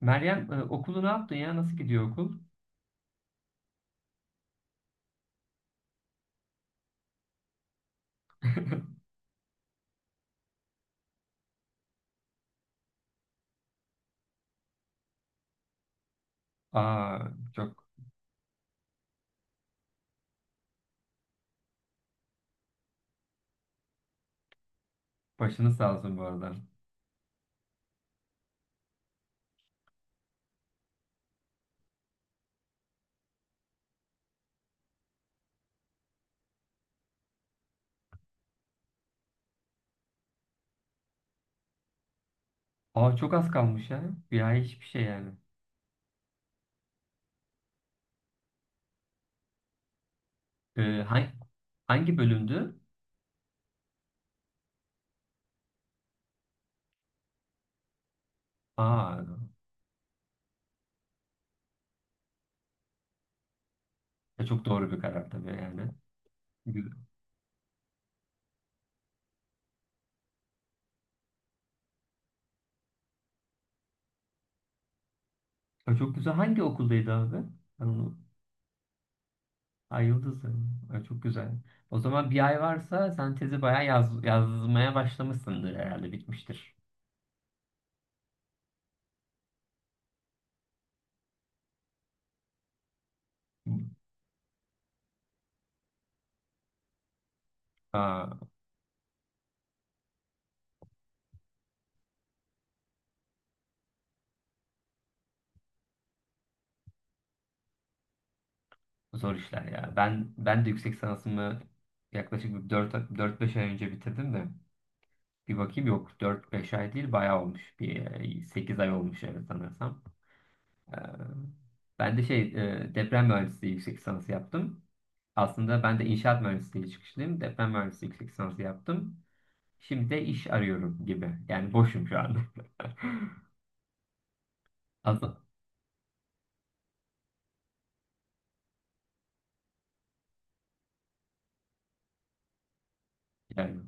Meryem okulu ne yaptın ya? Nasıl gidiyor okul? Aa, çok. Başını sağ olsun bu arada. Aa, çok az kalmış ya. Bir ay hiçbir şey yani. Ee, hangi, Hangi bölümdü? Aa, çok doğru bir karar tabii yani. Gü- çok güzel. Hangi okuldaydı abi? Ben onu. Ay Yıldız. Ay, çok güzel. O zaman bir ay varsa sen tezi bayağı yazmaya başlamışsındır, herhalde bitmiştir. Aa, zor işler ya. Ben de yüksek sanatımı yaklaşık 4-5 ay önce bitirdim de. Bir bakayım, yok, 4-5 ay değil, bayağı olmuş. Sekiz ay olmuş, evet sanırsam. Ee, Ben de şey, deprem mühendisliği yüksek lisansı yaptım. Aslında ben de inşaat mühendisliği çıkışlıyım. Deprem mühendisliği yüksek lisansı yaptım. Şimdi de iş arıyorum gibi. Yani boşum şu anda. Aslında yani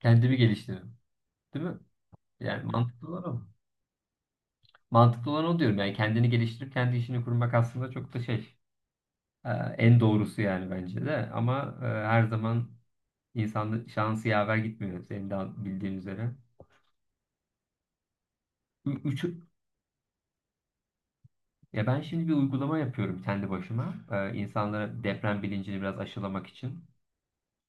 kendimi geliştiriyorum. Değil mi? Yani mantıklı olan o. Mantıklı olan o diyorum. Yani kendini geliştirip kendi işini kurmak aslında çok da şey, e, en doğrusu yani bence de. Ama her zaman İnsanın şansı yaver gitmiyor, senin de bildiğin üzere. Üç. Ya ben şimdi bir uygulama yapıyorum kendi başıma. İnsanlara deprem bilincini biraz aşılamak için.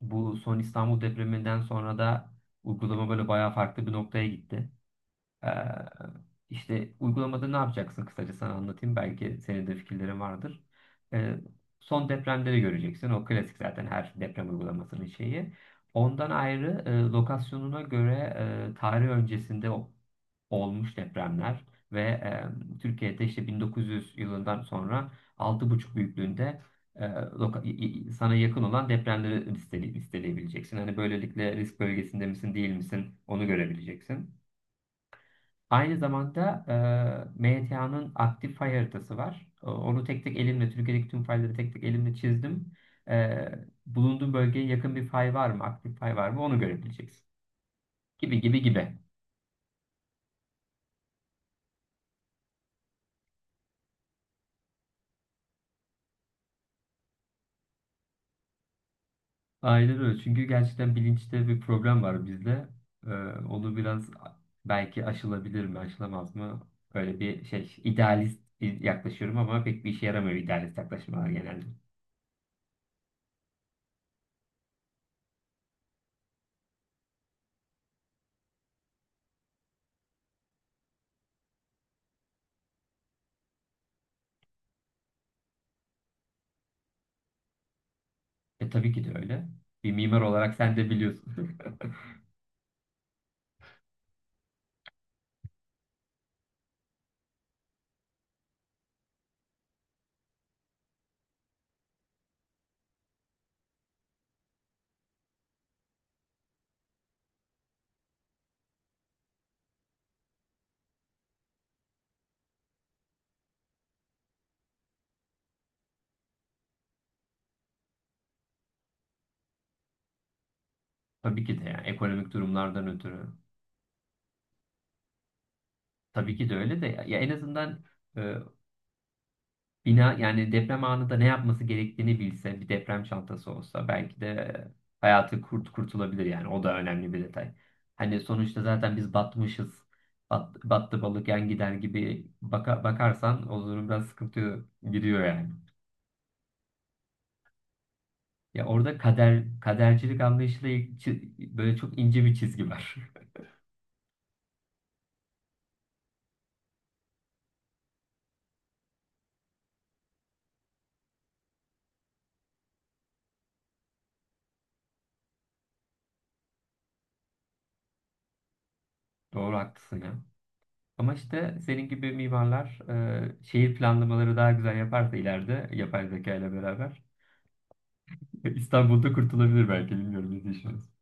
Bu son İstanbul depreminden sonra da uygulama böyle bayağı farklı bir noktaya gitti. Ee, işte uygulamada ne yapacaksın kısaca sana anlatayım. Belki senin de fikirlerin vardır. Ee, Son depremleri göreceksin. O klasik zaten, her deprem uygulamasının şeyi. Ondan ayrı lokasyonuna göre tarih öncesinde o olmuş depremler ve Türkiye'de işte 1900 yılından sonra 6,5 büyüklüğünde sana yakın olan depremleri listeleyebileceksin. Hani böylelikle risk bölgesinde misin, değil misin, onu görebileceksin. Aynı zamanda MTA'nın aktif fay haritası var. Onu tek tek elimle, Türkiye'deki tüm fayları tek tek elimle çizdim. E, Bulunduğun bölgeye yakın bir fay var mı, aktif fay var mı, onu görebileceksin. Gibi gibi gibi. Aynen öyle. Çünkü gerçekten bilinçte bir problem var bizde. Ee, Onu biraz belki aşılabilir mi, aşılamaz mı? Öyle bir şey, idealist yaklaşıyorum ama pek bir işe yaramıyor, idealist yaklaşmalar genelde. Tabii ki de öyle. Bir mimar olarak sen de biliyorsun. Tabii ki de yani, ekonomik durumlardan ötürü. Tabii ki de öyle de ya, en azından e, bina, yani deprem anında ne yapması gerektiğini bilse, bir deprem çantası olsa, belki de hayatı kurtulabilir, yani o da önemli bir detay. Hani sonuçta zaten biz batmışız. Battı balık yan gider gibi bakarsan, o durum biraz sıkıntı giriyor yani. Ya orada kader, kadercilik anlayışıyla böyle çok ince bir çizgi var. Doğru, haklısın ya. Ama işte senin gibi mimarlar şehir planlamaları daha güzel yaparsa, ileride yapay zeka ile beraber İstanbul'da kurtulabilir belki, bilmiyorum, ne düşünüyorsun?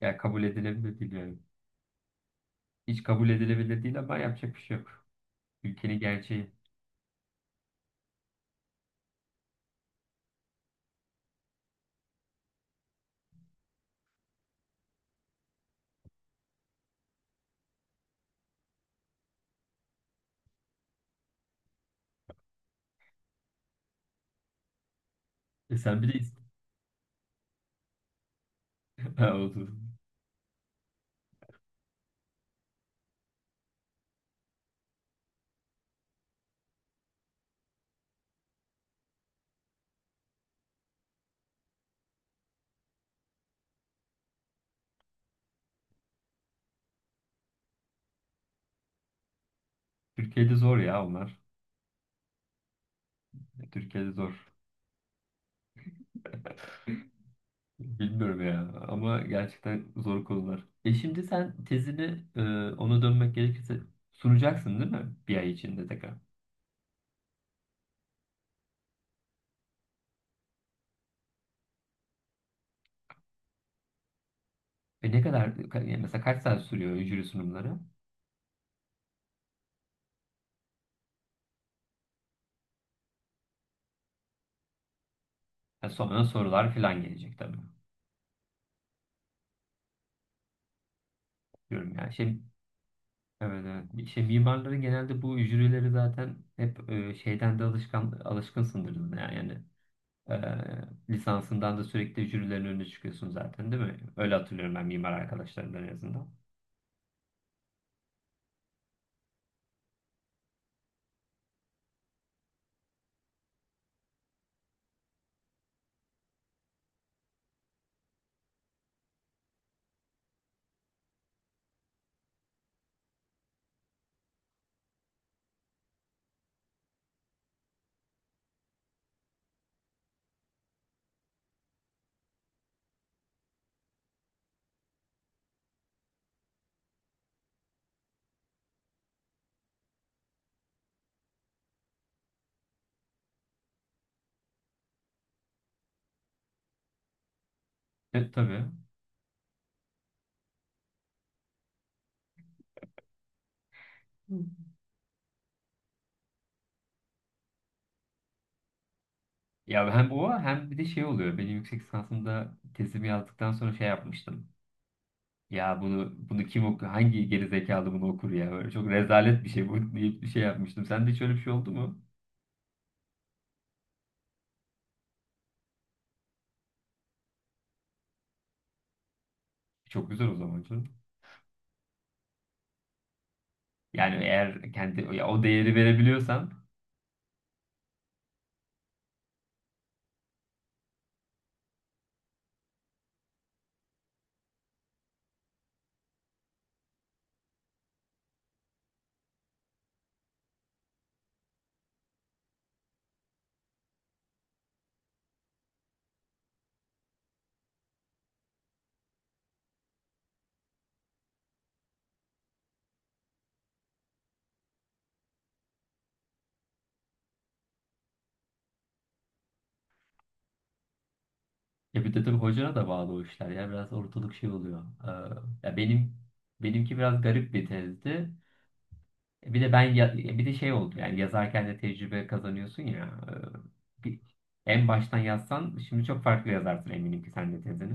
Ya, kabul edilebilir değil yani. Hiç kabul edilebilir değil ama yapacak bir şey yok. Ülkenin gerçeği. Sen bir de İst- Ha, oldu. Türkiye'de zor ya onlar. Türkiye'de zor. Bilmiyorum ya, ama gerçekten zor konular. Şimdi sen tezini, e, ona dönmek gerekirse, sunacaksın değil mi? Bir ay içinde tekrar. Ne kadar mesela, kaç saat sürüyor jüri sunumları? Ha, sonra sorular falan gelecek tabii. Diyorum yani. Şey, evet, evet. Şey, mimarları genelde bu jürileri zaten hep şeyden de alışkınsındır. Yani, lisansından da sürekli jürilerin önüne çıkıyorsun zaten, değil mi? Öyle hatırlıyorum ben, mimar arkadaşlarımdan en azından. Evet tabii. Hı. Ya hem o, hem bir de şey oluyor. Benim yüksek lisansımda tezimi yazdıktan sonra şey yapmıştım. Ya bunu kim okuyor? Hangi geri zekalı bunu okur ya? Böyle çok rezalet bir şey bu deyip bir şey yapmıştım. Sende hiç öyle bir şey oldu mu? Çok güzel o zaman. Yani eğer kendi, ya, o değeri verebiliyorsan. Ya bir de tabii hocana da bağlı o işler ya, biraz ortalık şey oluyor. Ya benimki biraz garip bir tezdi. Bir de ben ya- bir de şey oldu, yani yazarken de tecrübe kazanıyorsun ya. e, bir- en baştan yazsan şimdi çok farklı yazarsın, eminim ki sen de tezini.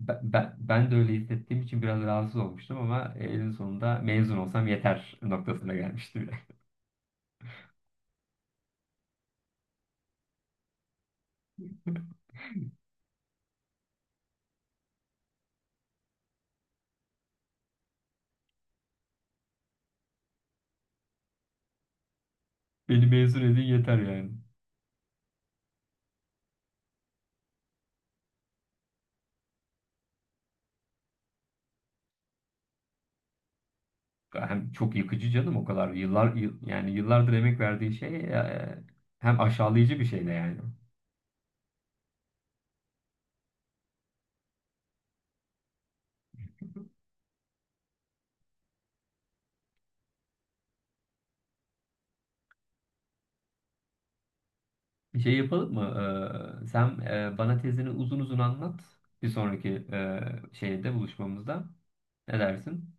Ben de öyle hissettiğim için biraz rahatsız olmuştum ama en sonunda mezun olsam yeter noktasına gelmişti bile. Beni mezun edin yeter yani. Hem çok yıkıcı canım, o kadar yıllar yani yıllardır emek verdiği şey, hem aşağılayıcı bir şey de yani. Bir şey yapalım mı? Sen bana tezini uzun uzun anlat, bir sonraki şeyde buluşmamızda. Ne dersin?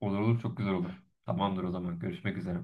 Olur olur, çok güzel olur. Tamamdır, o zaman görüşmek üzere.